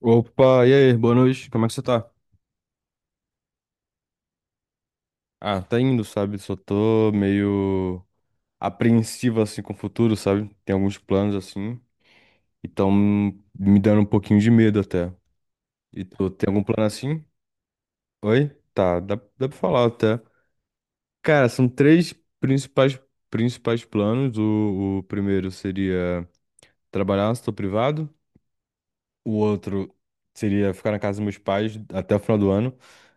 Opa, e aí, boa noite, como é que você tá? Ah, tá indo, sabe? Só tô meio apreensivo, assim, com o futuro, sabe? Tem alguns planos, assim, e tão me dando um pouquinho de medo até. E tu tem algum plano assim? Oi? Tá, dá pra falar até. Cara, são três principais, principais planos. O primeiro seria trabalhar no setor privado. O outro seria ficar na casa dos meus pais até o final do ano,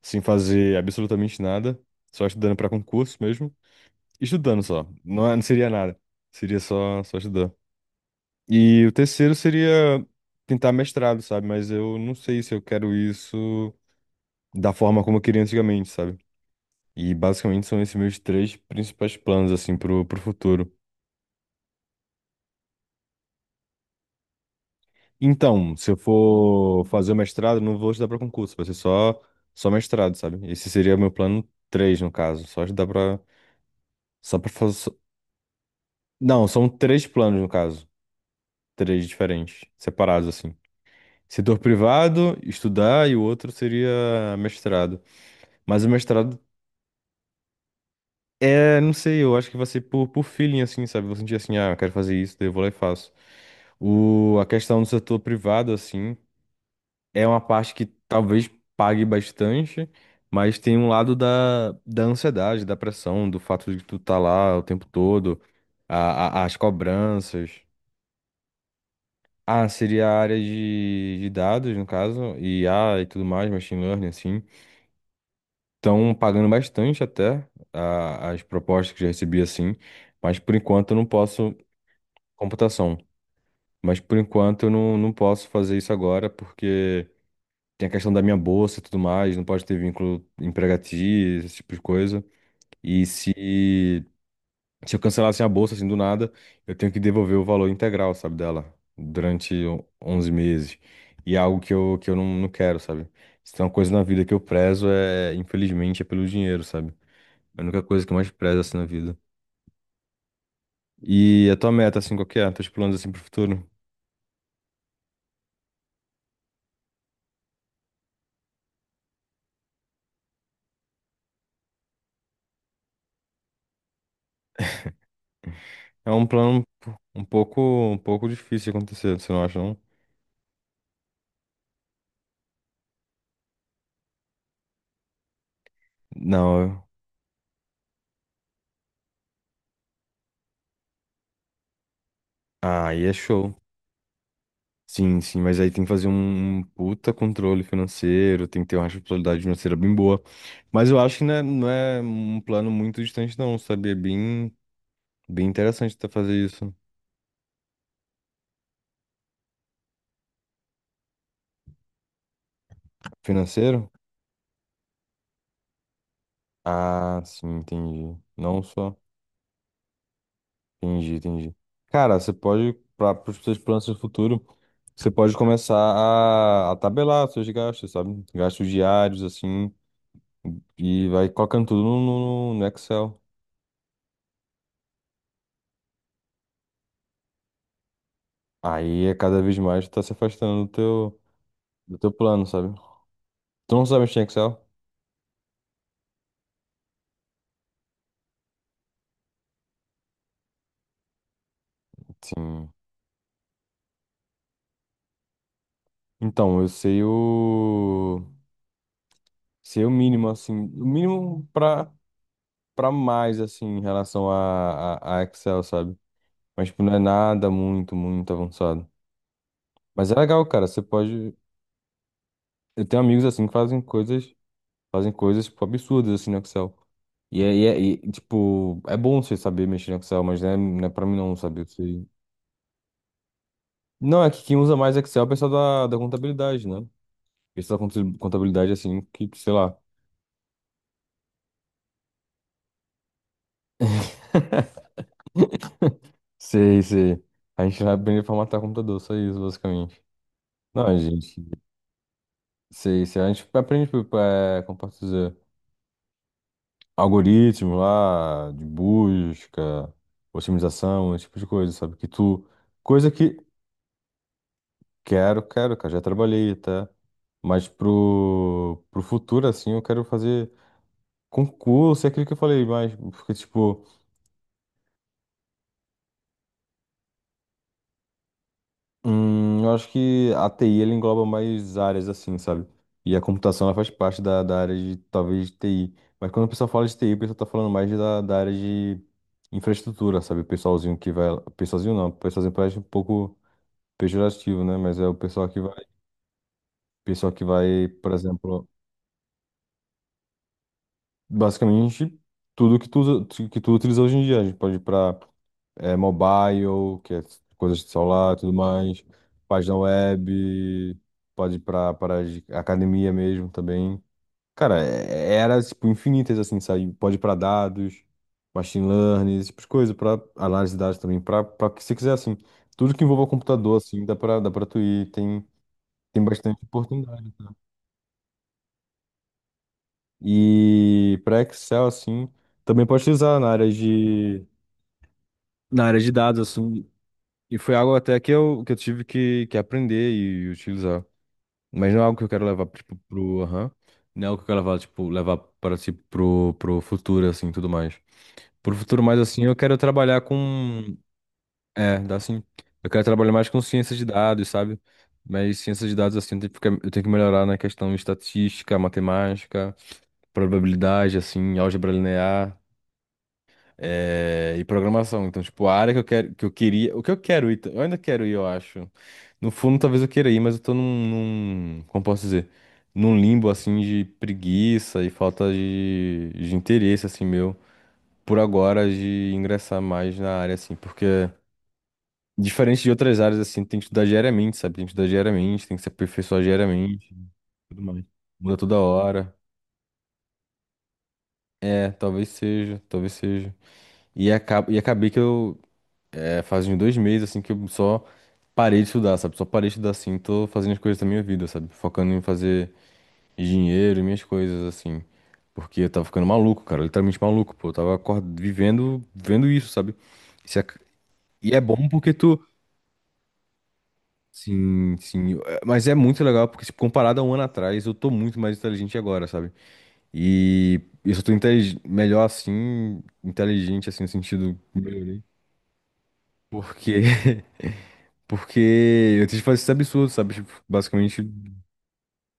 sem fazer absolutamente nada, só estudando pra concurso mesmo. Estudando só. Não, não seria nada. Seria só, só estudar. E o terceiro seria tentar mestrado, sabe? Mas eu não sei se eu quero isso da forma como eu queria antigamente, sabe? E basicamente são esses meus três principais planos, assim, pro futuro. Então, se eu for fazer o mestrado, não vou estudar pra concurso, vai ser só, só mestrado, sabe? Esse seria o meu plano três, no caso. Só estudar pra. Só pra fazer. Não, são três planos, no caso. Três diferentes, separados, assim. Setor privado, estudar, e o outro seria mestrado. Mas o mestrado é, não sei, eu acho que vai ser por feeling, assim, sabe? Vou sentir assim, ah, eu quero fazer isso, daí eu vou lá e faço. A questão do setor privado, assim, é uma parte que talvez pague bastante, mas tem um lado da ansiedade, da pressão, do fato de tu tá lá o tempo todo, as cobranças. Ah, seria a área de dados, no caso, IA e tudo mais, machine learning, assim. Estão pagando bastante até as propostas que já recebi assim, mas por enquanto eu não posso computação. Mas por enquanto eu não posso fazer isso agora porque tem a questão da minha bolsa e tudo mais, não pode ter vínculo empregatício, esse tipo de coisa. E se eu cancelasse a bolsa assim do nada, eu tenho que devolver o valor integral, sabe, dela durante 11 meses. E é algo que eu não quero, sabe? Se tem uma coisa na vida que eu prezo é, infelizmente, é pelo dinheiro, sabe? É a única coisa que eu mais prezo assim na vida. E a tua meta, assim, qual que é? Teus planos assim pro futuro? É um plano um pouco difícil de acontecer, você não acha, não? Não, ah, aí é show. Sim, sim, mas aí tem que fazer um puta controle financeiro, tem que ter uma responsabilidade financeira bem boa. Mas eu acho que não não é um plano muito distante, não, sabe? É bem, bem interessante até fazer isso. Financeiro? Ah, sim, entendi. Não só. Entendi, entendi. Cara, você pode, para os seus planos do futuro, você pode começar a tabelar seus gastos, sabe? Gastos diários, assim, e vai colocando tudo no Excel. Aí, é cada vez mais, tu tá se afastando do teu plano, sabe? Tu não sabe mexer em Excel? Sim. Então, eu sei o... Sei o mínimo, assim, o mínimo pra mais, assim, em relação a Excel, sabe? Mas, tipo, não é nada muito, muito avançado. Mas é legal, cara. Você pode. Eu tenho amigos assim que fazem coisas tipo, absurdas assim no Excel. Tipo, é bom você saber mexer no Excel, mas não não é pra mim não, sabe? Você... Não, é que quem usa mais Excel é o pessoal da contabilidade, né? Pessoal contabilidade assim, que, sei lá, sei, sei. A gente vai aprender a formatar computador, só isso, basicamente. Não, gente, sei, sei. A gente aprende, tipo, é, como posso dizer? Algoritmo lá de busca, otimização, esse tipo de coisa, sabe? Que tu. Coisa que quero, quero, cara, já trabalhei até. Mas pro futuro, assim, eu quero fazer concurso, é aquilo que eu falei, mas. Porque, tipo, eu acho que a TI ela engloba mais áreas, assim, sabe? E a computação ela faz parte da área de, talvez, TI. Mas quando o pessoal fala de TI, o pessoal tá falando mais da área de infraestrutura, sabe? O pessoalzinho que vai. Pessoalzinho não, o pessoalzinho parece um pouco pejorativo, né? Mas é o pessoal que vai, por exemplo, basicamente tudo que tu usa, que tu utiliza hoje em dia. A gente pode ir para mobile, que é coisas de celular, e tudo mais, página web, pode ir para academia mesmo também. Cara, era tipo infinitas assim, sabe? Pode ir para dados, machine learning, esse tipo de coisa, para análise de dados também, para o que você quiser assim. Tudo que envolva computador assim, dá para tu ir, tem tem bastante oportunidade. E para Excel, assim, também pode utilizar na área de dados, assim. E foi algo até que eu tive que aprender e utilizar. Mas não é algo que eu quero levar, tipo, pro, aham. Não é algo que eu quero levar, tipo, levar para, si pro, pro futuro, assim, tudo mais. Pro futuro mais, assim, eu quero trabalhar com... É, dá assim. Eu quero trabalhar mais com ciência de dados, sabe? Mas ciência de dados, assim, eu tenho que eu tenho que melhorar na questão de estatística, matemática, probabilidade, assim, álgebra linear. É, e programação. Então, tipo, a área que eu quero, que eu queria, o que eu quero ir, eu ainda quero ir, eu acho. No fundo, talvez eu queira ir, mas eu tô como posso dizer, num limbo assim de preguiça e falta de interesse assim meu por agora de ingressar mais na área assim, porque diferente de outras áreas assim, tem que estudar diariamente, sabe? Tem que estudar diariamente, tem que se aperfeiçoar diariamente, tudo mais. Muda toda hora. É, talvez seja, talvez seja. E, acabei que eu é, faz uns dois meses, assim, que eu só parei de estudar, sabe? Só parei de estudar, assim, tô fazendo as coisas da minha vida, sabe? Focando em fazer dinheiro e minhas coisas, assim. Porque eu tava ficando maluco, cara, literalmente maluco, pô. Eu tava vivendo, vendo isso, sabe? Isso é e é bom porque tu... Sim, sim. Mas é muito legal porque, tipo, comparado a um ano atrás, eu tô muito mais inteligente agora, sabe? E eu só tô melhor, assim, inteligente, assim, no sentido... Melhorei. Porque... Porque eu tentei fazer esse absurdo, sabe? Tipo, basicamente,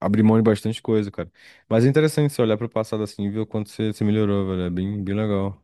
abrir mão de bastante coisa, cara. Mas é interessante você olhar pro passado assim e ver o quanto você, você melhorou, velho. É bem, bem legal.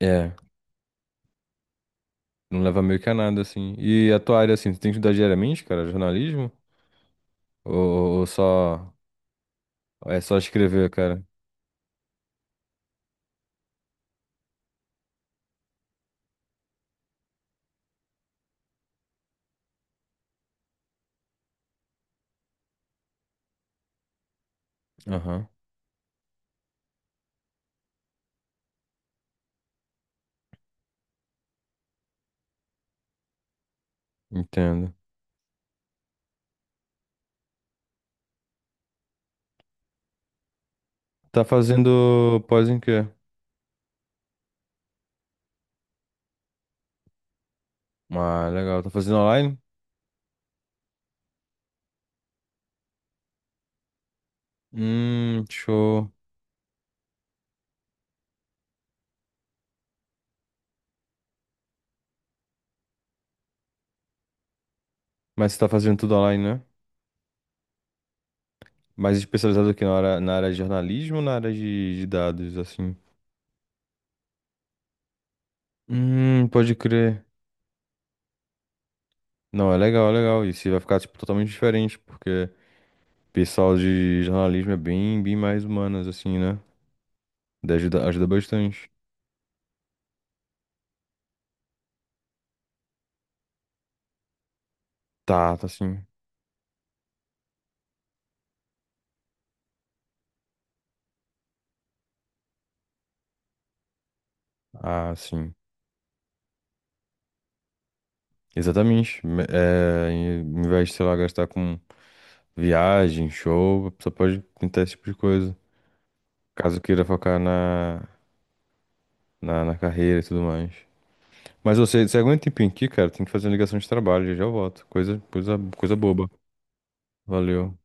É, não leva meio que a nada, assim. E a tua área, assim, tu tem que estudar diariamente, cara? Jornalismo? Ou só... É só escrever, cara? Aham, entendo. Tá fazendo pós em quê? Ah, legal. Tá fazendo online? Show. Mas você tá fazendo tudo online, né? Mais especializado aqui na área de jornalismo ou na área de dados, assim? Pode crer. Não, é legal, é legal. E se vai ficar, tipo, totalmente diferente, porque o pessoal de jornalismo é bem, bem mais humanas, assim, né? Daí ajuda, ajuda bastante. Tá, tá sim. Ah, sim. Exatamente. Em vez de, sei lá, gastar com viagem, show, a pessoa pode tentar esse tipo de coisa. Caso queira focar na carreira e tudo mais. Mas você, você aguenta um tempinho aqui, cara, tem que fazer uma ligação de trabalho, já já eu volto. Coisa boba. Valeu.